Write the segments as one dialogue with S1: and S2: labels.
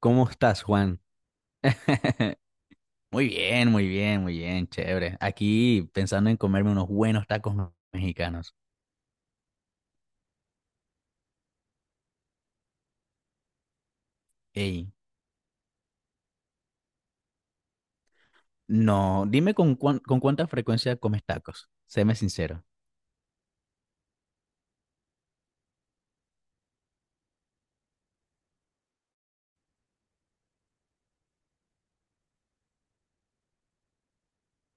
S1: ¿Cómo estás, Juan? Muy bien, muy bien, muy bien, chévere. Aquí pensando en comerme unos buenos mexicanos. Ey, no, dime con cuánta frecuencia comes tacos. Séme sincero.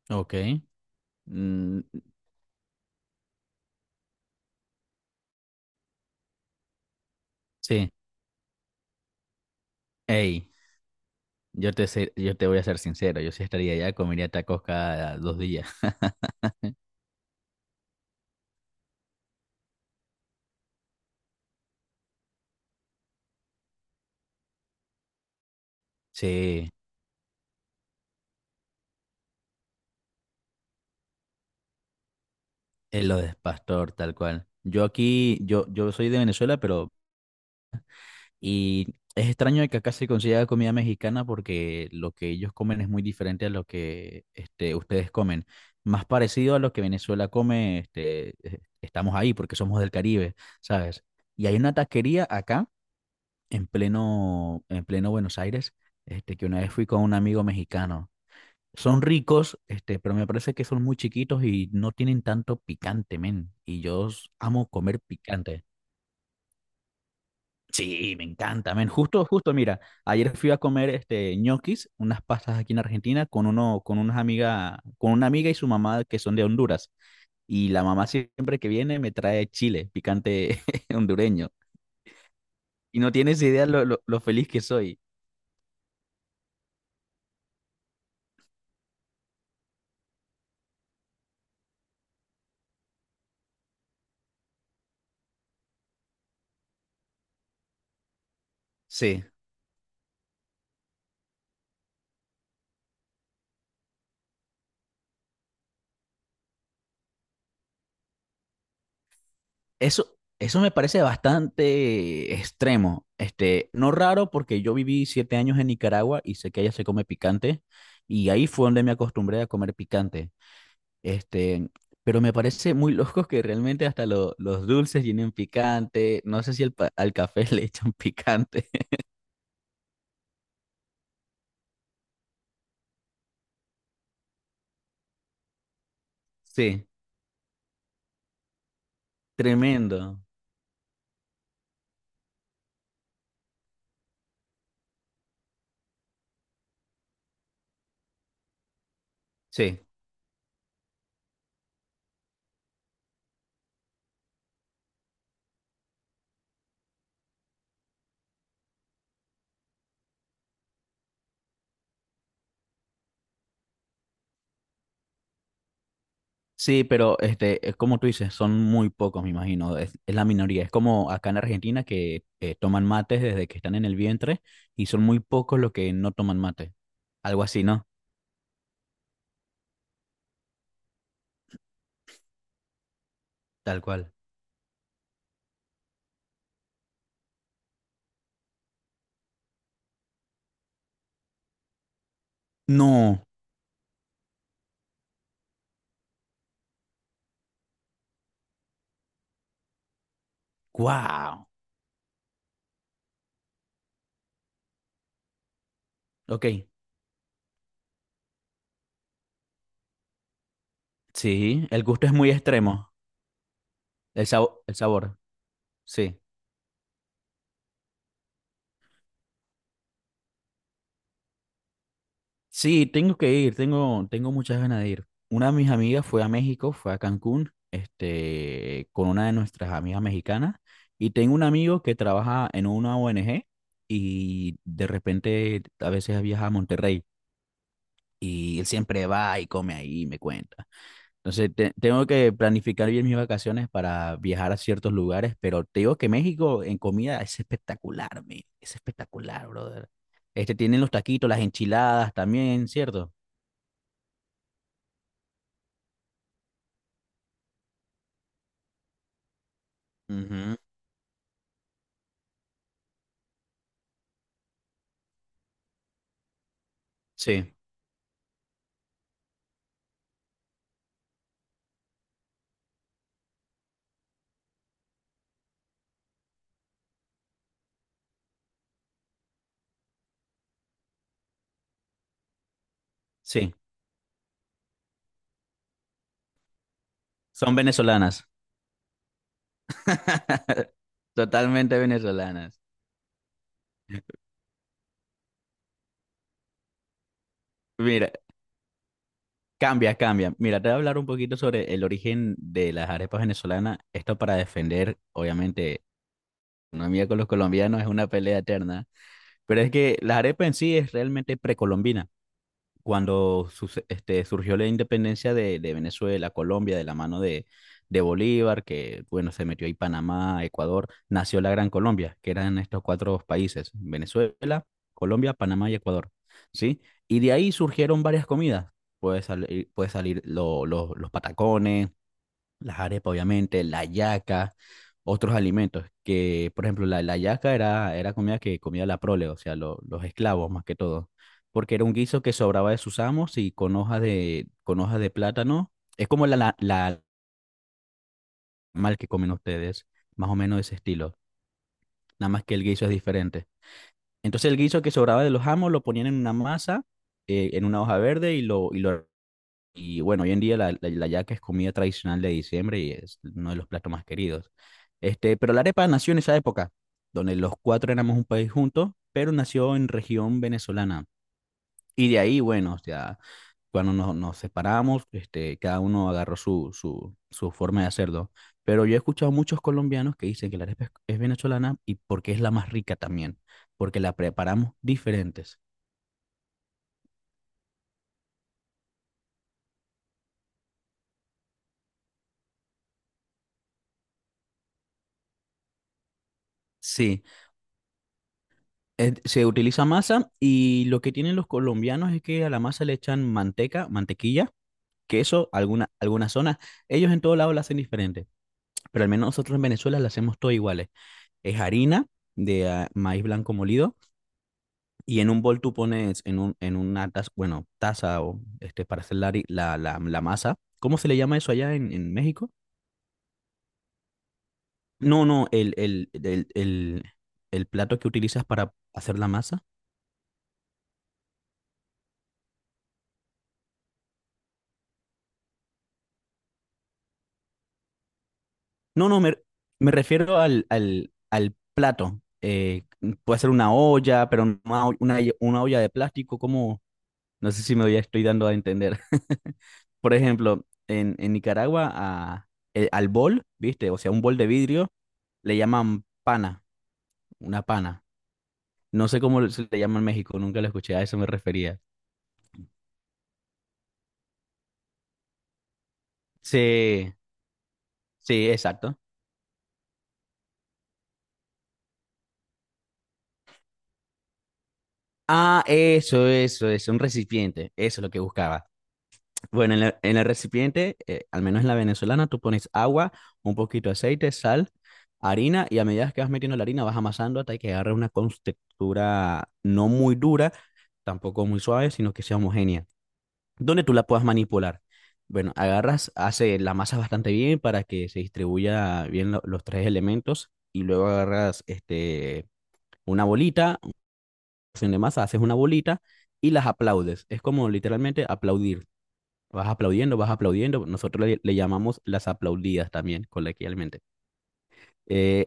S1: Ok. Mm, sí. Ey, yo te voy a ser sincero. Yo sí estaría allá, comería tacos cada dos días. Sí, es lo de pastor, tal cual. Yo aquí, yo soy de Venezuela, pero y es extraño de que acá se consiga comida mexicana porque lo que ellos comen es muy diferente a lo que este, ustedes comen. Más parecido a lo que Venezuela come, este, estamos ahí porque somos del Caribe, ¿sabes? Y hay una taquería acá, en pleno Buenos Aires, este, que una vez fui con un amigo mexicano. Son ricos, este, pero me parece que son muy chiquitos y no tienen tanto picante, men. Y amo comer picante. Sí, me encanta, men. Justo, justo, mira, ayer fui a comer este ñoquis, unas pastas aquí en Argentina con uno, con unas amigas, con una amiga y su mamá que son de Honduras. Y la mamá siempre que viene me trae chile, picante hondureño. Y no tienes idea lo feliz que soy. Sí, eso me parece bastante extremo. Este, no raro porque yo viví 7 años en Nicaragua y sé que allá se come picante. Y ahí fue donde me acostumbré a comer picante. Este, pero me parece muy loco que realmente hasta los dulces tienen picante. No sé si al café le echan picante. Sí, tremendo. Sí, sí, pero este, es como tú dices, son muy pocos, me imagino. Es la minoría. Es como acá en Argentina que toman mates desde que están en el vientre y son muy pocos los que no toman mate. Algo así, ¿no? Tal cual. No. Wow. Ok. Sí, el gusto es muy extremo. El sabor. Sí. Sí, tengo que ir, tengo, tengo muchas ganas de ir. Una de mis amigas fue a México, fue a Cancún, este, con una de nuestras amigas mexicanas, y tengo un amigo que trabaja en una ONG y de repente a veces viaja a Monterrey y él siempre va y come ahí y me cuenta. Entonces tengo que planificar bien mis vacaciones para viajar a ciertos lugares, pero te digo que México en comida es espectacular, men, es espectacular, brother. Este, tienen los taquitos, las enchiladas también, ¿cierto? Ujú, sí, sí, son venezolanas, totalmente venezolanas. Mira, cambia, cambia. Mira, te voy a hablar un poquito sobre el origen de las arepas venezolanas. Esto para defender, obviamente, la economía con los colombianos es una pelea eterna, pero es que la arepa en sí es realmente precolombina. Cuando este, surgió la independencia de Venezuela, Colombia, de la mano de Bolívar, que bueno, se metió ahí Panamá, Ecuador, nació la Gran Colombia, que eran estos cuatro países, Venezuela, Colombia, Panamá y Ecuador, ¿sí? Y de ahí surgieron varias comidas. Puede salir los patacones, las arepas, obviamente, la yaca, otros alimentos, que por ejemplo la yaca era, era comida que comía la prole, o sea, los esclavos más que todo, porque era un guiso que sobraba de sus amos y con hojas de plátano, es como la mal que comen ustedes, más o menos de ese estilo, nada más que el guiso es diferente. Entonces el guiso que sobraba de los amos lo ponían en una masa, en una hoja verde y lo y bueno, hoy en día la yaca es comida tradicional de diciembre y es uno de los platos más queridos. Este, pero la arepa nació en esa época, donde los cuatro éramos un país juntos, pero nació en región venezolana. Y de ahí, bueno, o sea, cuando nos separamos, este, cada uno agarró su forma de hacerlo. Pero yo he escuchado muchos colombianos que dicen que la arepa es venezolana y porque es la más rica también, porque la preparamos diferentes. Sí. Se utiliza masa y lo que tienen los colombianos es que a la masa le echan manteca, mantequilla, queso, alguna, algunas zonas. Ellos en todo lado la hacen diferente, pero al menos nosotros en Venezuela la hacemos todo iguales. Es harina de ah, maíz blanco molido y en un bol tú pones en, un, en una taza, bueno, taza o este, para hacer la, hari- la masa. ¿Cómo se le llama eso allá en México? No, no, el plato que utilizas para hacer la masa. No, no, me refiero al plato. Puede ser una olla, pero no una, una olla de plástico, como, no sé si me ya estoy dando a entender. Por ejemplo, en Nicaragua, al bol, ¿viste? O sea, un bol de vidrio, le llaman pana, una pana. No sé cómo se le llama en México, nunca lo escuché, a eso me refería. Sí, sí, exacto. Ah, eso, un recipiente, eso es lo que buscaba. Bueno, en el recipiente, al menos en la venezolana, tú pones agua, un poquito de aceite, sal, harina y a medida que vas metiendo la harina vas amasando hasta que agarre una textura no muy dura, tampoco muy suave, sino que sea homogénea, donde tú la puedas manipular. Bueno, agarras, hace la masa bastante bien para que se distribuya bien los tres elementos y luego agarras este, una bolita, una porción de masa, haces una bolita y las aplaudes. Es como literalmente aplaudir. Vas aplaudiendo, vas aplaudiendo. Nosotros le llamamos las aplaudidas también, coloquialmente. Eh,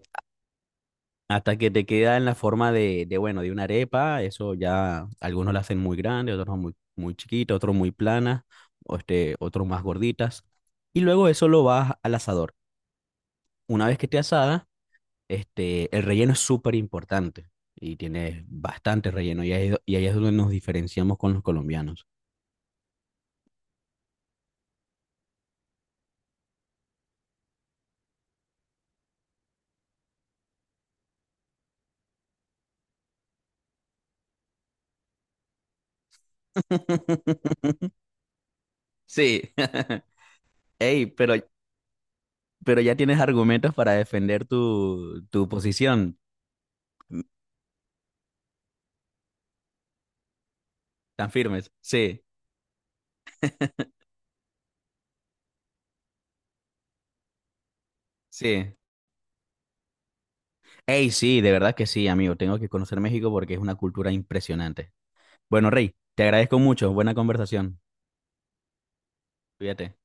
S1: hasta que te queda en la forma de, bueno, de una arepa. Eso ya algunos la hacen muy grande, otros muy, muy chiquita, otros muy planas, o este, otros más gorditas. Y luego eso lo vas al asador. Una vez que esté asada, este, el relleno es súper importante y tiene bastante relleno. Y ahí, y ahí es donde nos diferenciamos con los colombianos. Sí. Ey, pero ya tienes argumentos para defender tu posición tan firmes. Sí, sí. Ey, sí, de verdad que sí, amigo. Tengo que conocer México porque es una cultura impresionante. Bueno, Rey, te agradezco mucho. Buena conversación. Cuídate.